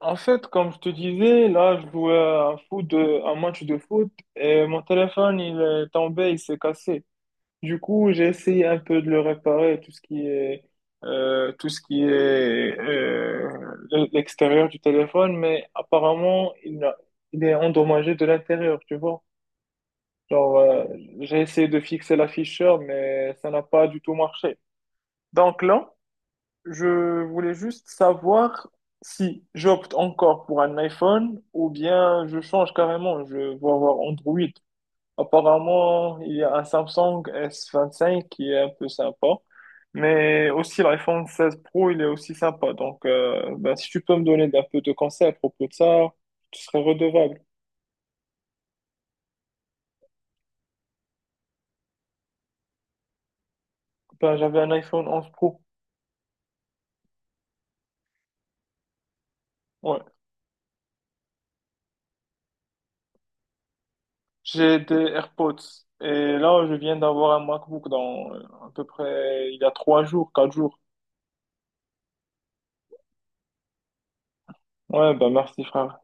En fait, comme je te disais, là, je jouais à un match de foot et mon téléphone, il est tombé, il s'est cassé. Du coup, j'ai essayé un peu de le réparer, tout ce qui est l'extérieur du téléphone, mais apparemment, il est endommagé de l'intérieur, tu vois. Genre, j'ai essayé de fixer l'afficheur, mais ça n'a pas du tout marché. Donc là, je voulais juste savoir si j'opte encore pour un iPhone ou bien je change carrément, je vais avoir Android. Apparemment, il y a un Samsung S25 qui est un peu sympa, mais aussi l'iPhone 16 Pro, il est aussi sympa. Donc, ben, si tu peux me donner un peu de conseils à propos de ça, tu serais redevable. Ben, j'avais un iPhone 11 Pro, ouais. J'ai des AirPods et là, je viens d'avoir un MacBook dans à peu près il y a 3 jours, 4 jours. Ouais, bah merci frère.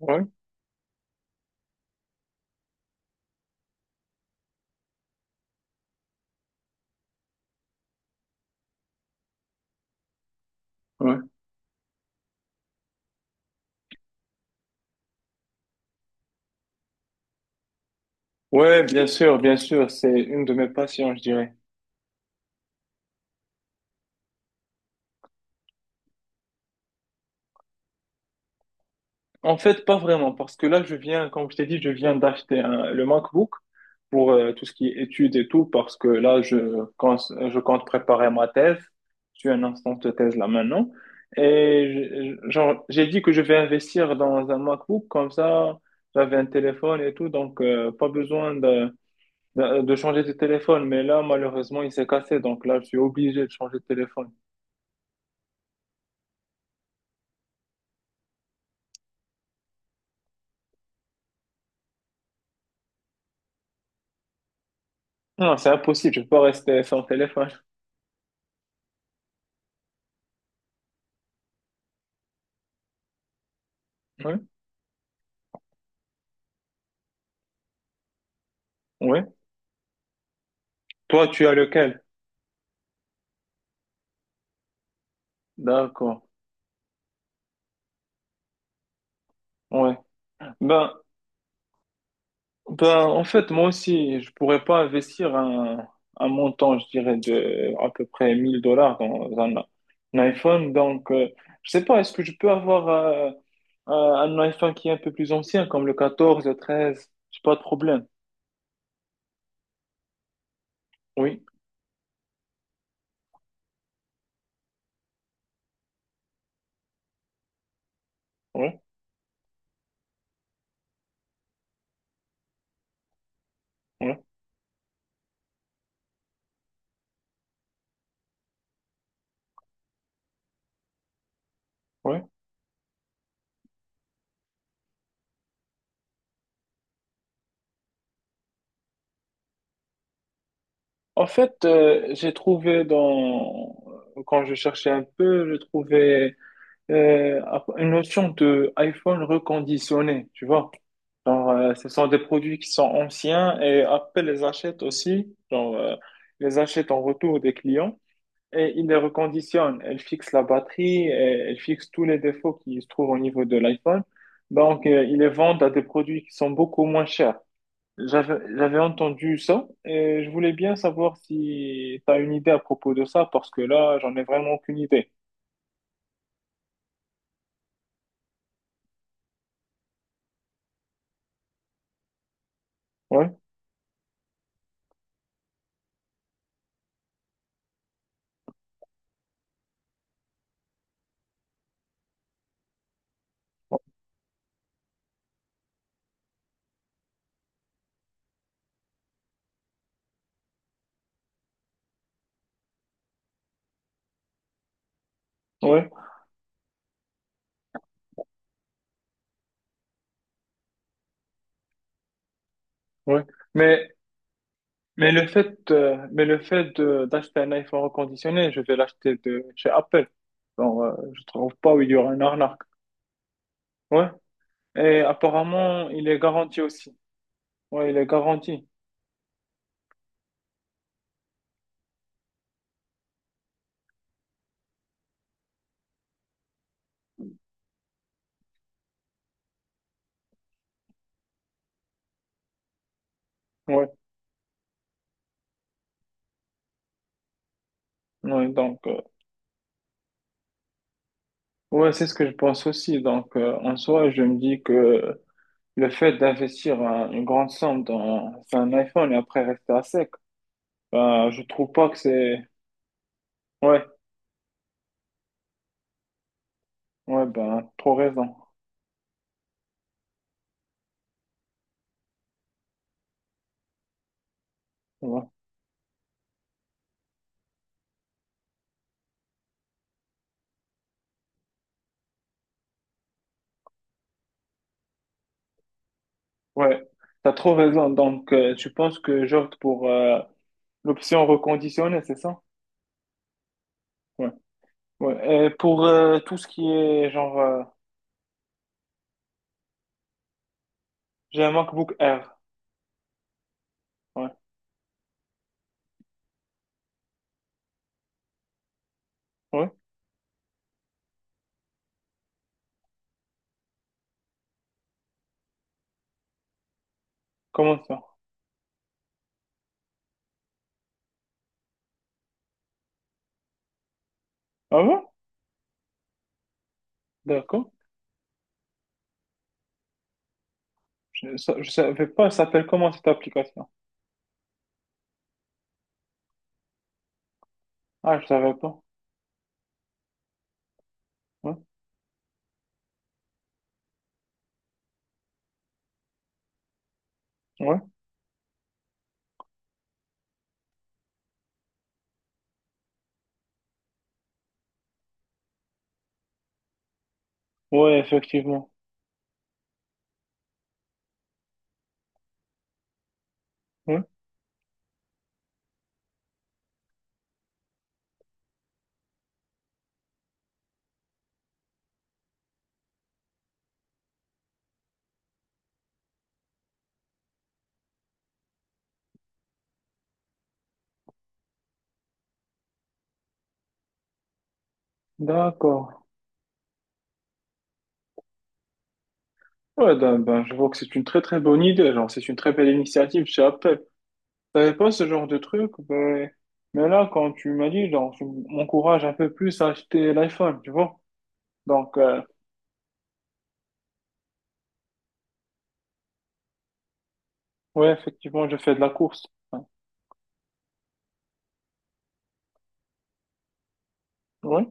Ouais, ouais. Ouais, bien sûr, c'est une de mes passions, je dirais. En fait, pas vraiment, parce que là, je viens, comme je t'ai dit, je viens le MacBook pour tout ce qui est études et tout, parce que je compte préparer ma thèse. Je suis en instance de thèse là maintenant. Et genre, j'ai dit que je vais investir dans un MacBook, comme ça, j'avais un téléphone et tout, donc pas besoin de changer de téléphone, mais là, malheureusement, il s'est cassé, donc là, je suis obligé de changer de téléphone. Non, c'est impossible, je peux pas rester sans téléphone. Oui, oui. Toi, tu as lequel? D'accord, ouais. Ben, ben, en fait, moi aussi, je pourrais pas investir un montant, je dirais, de à peu près 1000 dollars dans un iPhone, donc, je sais pas, est-ce que je peux avoir un iPhone qui est un peu plus ancien, comme le 13? J'ai pas de problème. Oui, oui, oui, oui. En fait, j'ai trouvé dans quand je cherchais un peu, je trouvais euh, une notion de iPhone reconditionné, tu vois. Genre, ce sont des produits qui sont anciens et Apple les achète aussi, les achète en retour des clients et ils les reconditionnent. Elles fixent la batterie, et elles fixent tous les défauts qui se trouvent au niveau de l'iPhone. Donc, ils les vendent à des produits qui sont beaucoup moins chers. J'avais entendu ça et je voulais bien savoir si tu as une idée à propos de ça parce que là, j'en ai vraiment aucune idée. Ouais, ouais, ouais. Mais, mais mais d'acheter un iPhone reconditionné, je vais l'acheter de chez Apple. Bon, je trouve pas où il y aura une arnaque. Ouais. Et apparemment, il est garanti aussi. Ouais, il est garanti. Ouais, ouais. Donc, ouais, c'est ce que je pense aussi. Donc, en soi, je me dis que le fait d'investir une grande somme dans sur un iPhone et après rester à sec, ben, je trouve pas que c'est... Ouais, ouais, ben, trop raison. Ouais, ouais, t'as trop raison. Donc, tu penses que j'opte pour l'option reconditionnée, c'est ça? Ouais, ouais. Et pour tout ce qui est, genre, j'ai un MacBook Air. Ouais, ouais, comment ça? Ah ouais? D'accord. Je savais pas, elle s'appelle comment cette application? Ah, je savais pas. Ouais, ouais, ouais, effectivement. Ouais, d'accord. Ouais, ben, ben, je vois que c'est une très très bonne idée, genre c'est une très belle initiative chez Apple. T'avais pas ce genre de truc, ben, mais là quand tu m'as dit, genre tu m'encourages un peu plus à acheter l'iPhone, tu vois. Donc ouais, effectivement, je fais de la course. Enfin, ouais,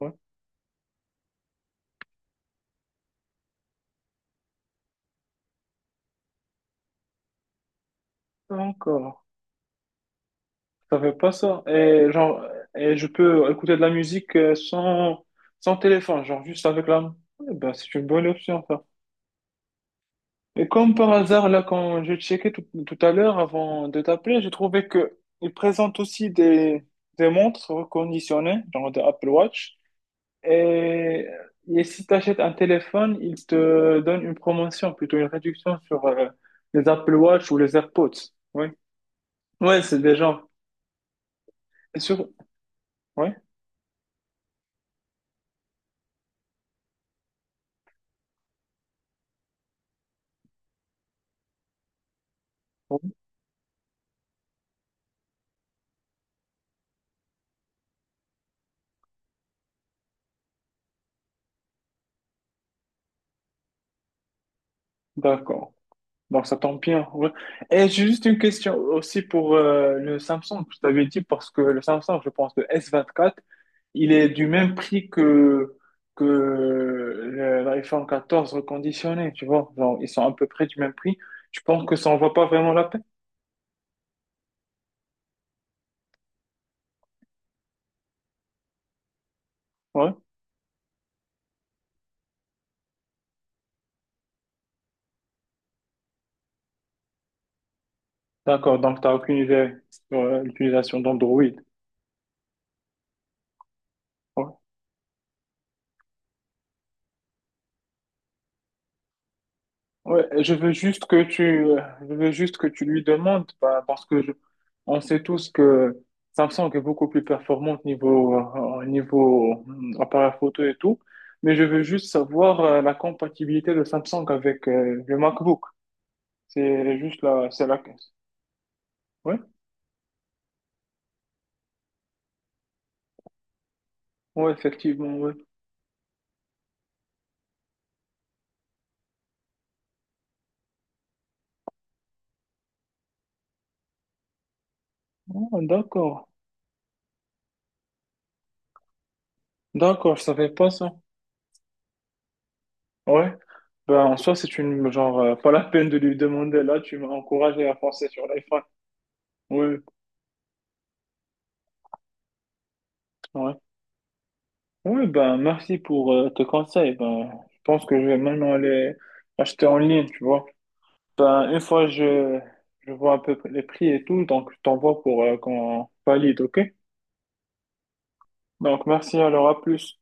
ouais. D'accord. Je savais pas ça. Et genre et je peux écouter de la musique sans téléphone, genre juste avec la main. Ouais, ben c'est une bonne option ça. Et comme par hasard, là, quand je checkais tout, tout à l'heure avant de t'appeler, j'ai trouvé que ils présentent aussi des montres reconditionnées, genre des Apple Watch. Et, et si tu achètes un téléphone, ils te donnent une promotion, plutôt une réduction sur les Apple Watch ou les AirPods. Oui. Ouais, c'est des gens. Sur... Ouais. Ouais. D'accord. Bon, ça tombe bien. Ouais. Et j'ai juste une question aussi pour le Samsung. Je t'avais dit parce que le Samsung, je pense, le S24, il est du même prix que, l'iPhone 14 reconditionné, tu vois. Genre, ils sont à peu près du même prix. Je pense que ça en vaut pas vraiment la peine. Ouais. D'accord, donc t'as aucune idée sur l'utilisation d'Android. Ouais. Ouais, je veux juste que tu lui demandes, bah, on sait tous que Samsung est beaucoup plus performante niveau, appareil photo et tout, mais je veux juste savoir la compatibilité de Samsung avec le MacBook. C'est la, ouais, ouais, effectivement, ouais. Oh, d'accord, d'accord, je savais pas ça. Ouais, ben en soi c'est une genre pas la peine de lui demander là, tu m'as encouragé à penser sur l'iPhone. Ouais, ouais. Oui, ben, merci pour tes conseils. Ben, je pense que je vais maintenant aller acheter en ligne, tu vois. Ben, je vois un peu les prix et tout, donc je t'envoie pour qu'on valide, ok? Donc, merci, alors à plus.